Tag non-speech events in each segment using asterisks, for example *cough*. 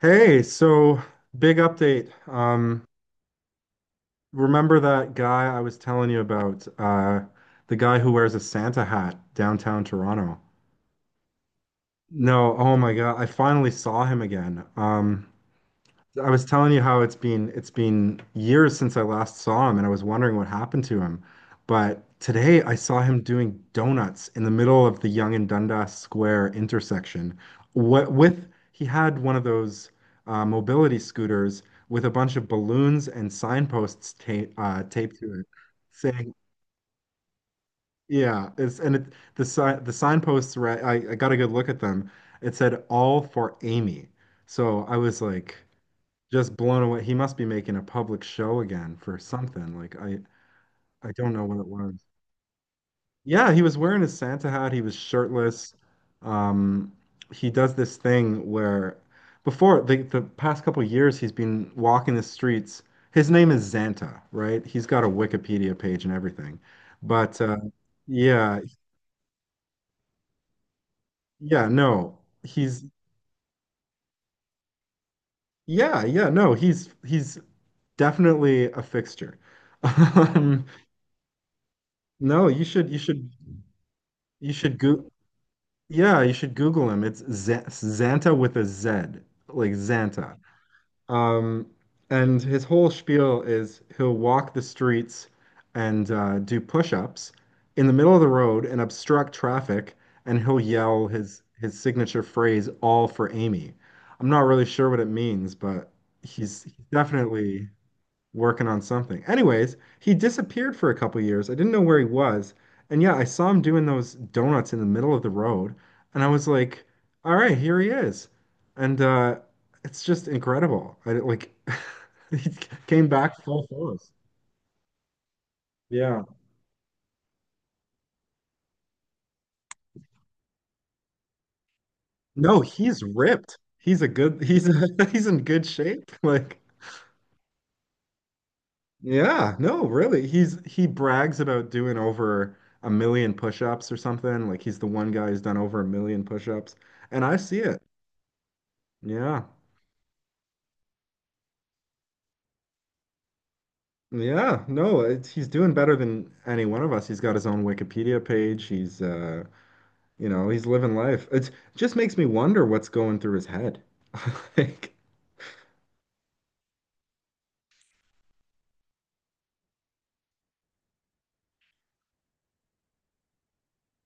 Hey, so big update. Remember that guy I was telling you about? The guy who wears a Santa hat downtown Toronto. No, oh my God, I finally saw him again. I was telling you how it's been years since I last saw him and I was wondering what happened to him. But today I saw him doing donuts in the middle of the Yonge and Dundas Square intersection. What with he had one of those mobility scooters with a bunch of balloons and signposts ta taped to it saying, yeah, it's and it the si the signposts right I got a good look at them. It said all for Amy. So I was like just blown away. He must be making a public show again for something. Like I don't know what it was. Yeah, he was wearing his Santa hat. He was shirtless. Um, he does this thing where before the past couple years he's been walking the streets. His name is Xanta, right? He's got a Wikipedia page and everything. But yeah, yeah, no. He's yeah, no. He's definitely a fixture. *laughs* Um, no, you should you should go yeah, you should Google him. It's Z Xanta with a Z, like Xanta. Um, and his whole spiel is he'll walk the streets and do push-ups in the middle of the road and obstruct traffic, and he'll yell his signature phrase, "All for Amy." I'm not really sure what it means, but he's definitely working on something. Anyways, he disappeared for a couple years. I didn't know where he was. And yeah, I saw him doing those donuts in the middle of the road, and I was like, "All right, here he is." And it's just incredible. I didn't- Like *laughs* he came back full force. Yeah. No, he's ripped. He's a good, he's *laughs* he's in good shape. Like yeah, no, really. He brags about doing over a million push-ups or something. Like he's the one guy who's done over a million push-ups. And I see it. Yeah. Yeah, no, it's, he's doing better than any one of us. He's got his own Wikipedia page. He's you know, he's living life. It just makes me wonder what's going through his head. *laughs* Like,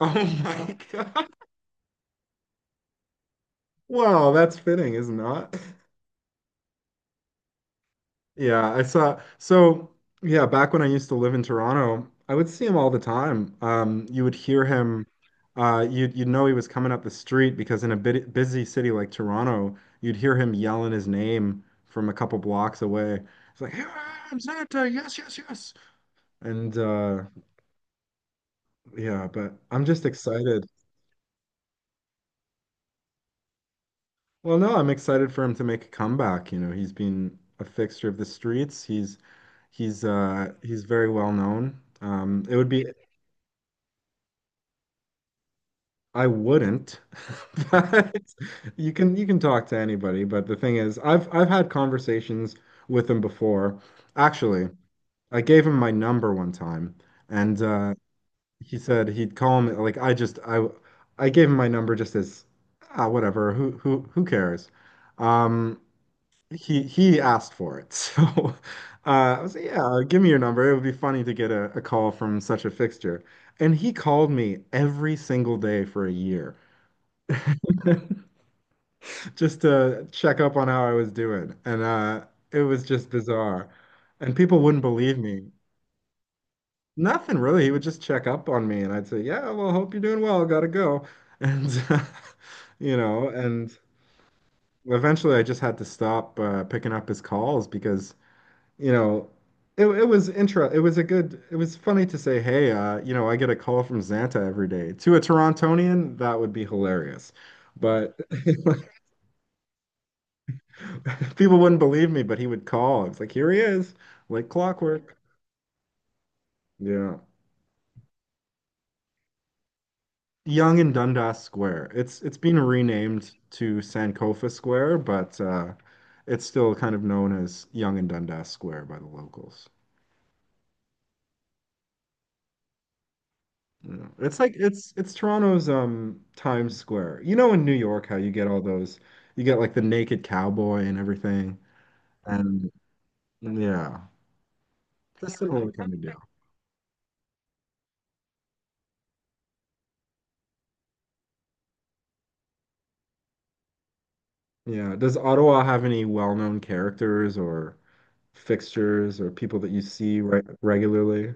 oh my *laughs* God. Wow, that's fitting, isn't it? Yeah, I saw. So, yeah, back when I used to live in Toronto, I would see him all the time. You would hear him. You'd know he was coming up the street because in a bit busy city like Toronto, you'd hear him yelling his name from a couple blocks away. It's like, "Here I am, Senator! Yes, yes, yes!" And yeah, but I'm just excited. Well, no, I'm excited for him to make a comeback. You know, he's been a fixture of the streets. He's very well known. It would be I wouldn't, *laughs* but you can talk to anybody. But the thing is, I've had conversations with him before. Actually, I gave him my number one time, and he said he'd call me. Like I just I gave him my number just as ah whatever. Who cares? Um, he asked for it, *laughs* so uh, I was like, yeah, give me your number. It would be funny to get a call from such a fixture. And he called me every single day for a year. Just to check up on how I was doing. And it was just bizarre. And people wouldn't believe me. Nothing really. He would just check up on me and I'd say, yeah, well, hope you're doing well. Gotta go. And, *laughs* you know, and eventually I just had to stop picking up his calls because, you know, it was intro. It was a good, it was funny to say, hey, you know, I get a call from Xanta every day. To a Torontonian, that would be hilarious. But *laughs* people wouldn't believe me, but he would call. It's like, here he is, like clockwork. Yeah. Young and Dundas Square. It's been renamed to Sankofa Square, but it's still kind of known as Young and Dundas Square by the locals. Yeah. It's like it's Toronto's Times Square. You know in New York how you get all those you get like the naked cowboy and everything. And yeah, it's a similar kind of deal. Yeah. Does Ottawa have any well-known characters or fixtures or people that you see re regularly?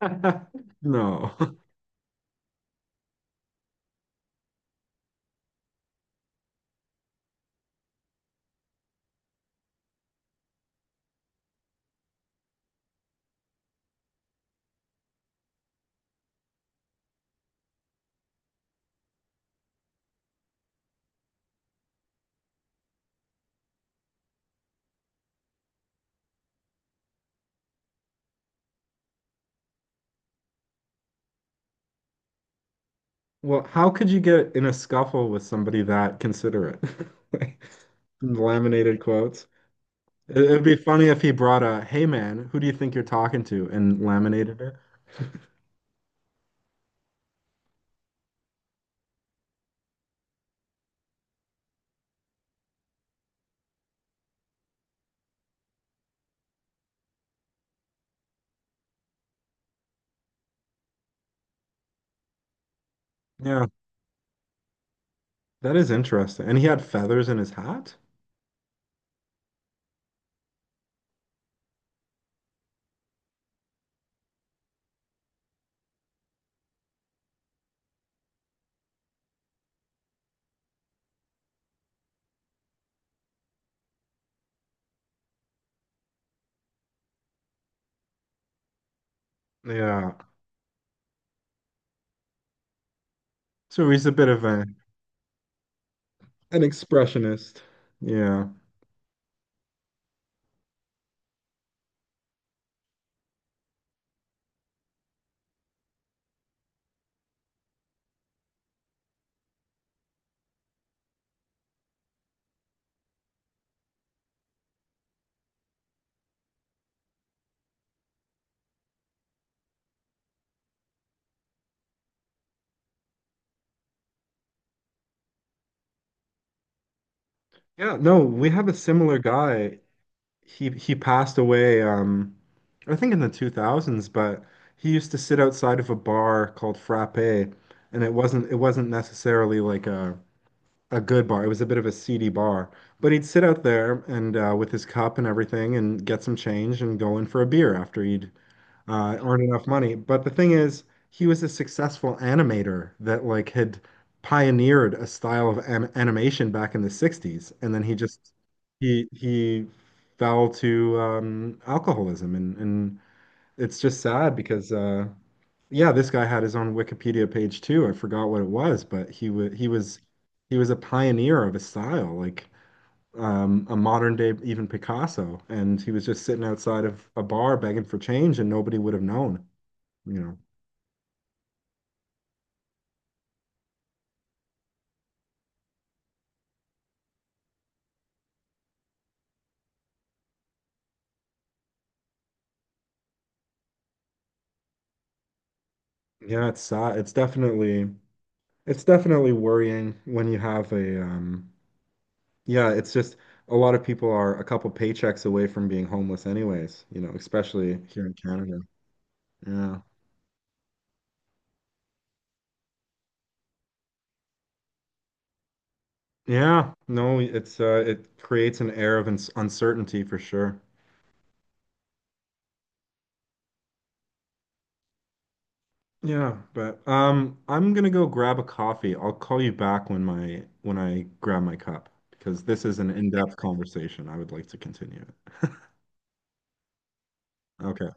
*laughs* No. Well, how could you get in a scuffle with somebody that considerate? *laughs* Like, laminated quotes. It- It'd be funny if he brought a, "Hey man, who do you think you're talking to?" and laminated it. Yeah, that is interesting. And he had feathers in his hat? Yeah. So he's a bit of a an expressionist. Yeah. Yeah, no, we have a similar guy. He passed away, I think in the 2000s, but he used to sit outside of a bar called Frappe, and it wasn't necessarily like a good bar. It was a bit of a seedy bar, but he'd sit out there and with his cup and everything, and get some change and go in for a beer after he'd aren't enough money. But the thing is, he was a successful animator that like had pioneered a style of an animation back in the 60s, and then he just he fell to alcoholism, and it's just sad because yeah, this guy had his own Wikipedia page too. I forgot what it was, but he was a pioneer of a style like. A modern day even Picasso, and he was just sitting outside of a bar begging for change, and nobody would have known you know. Yeah, it's sad. It's definitely worrying when you have a yeah, it's just a lot of people are a couple paychecks away from being homeless anyways, you know, especially here in Canada. Yeah. Yeah, no, it's it creates an air of uncertainty for sure. Yeah, but I'm gonna go grab a coffee. I'll call you back when my when I grab my cup because this is an in-depth conversation. I would like to continue it. Okay.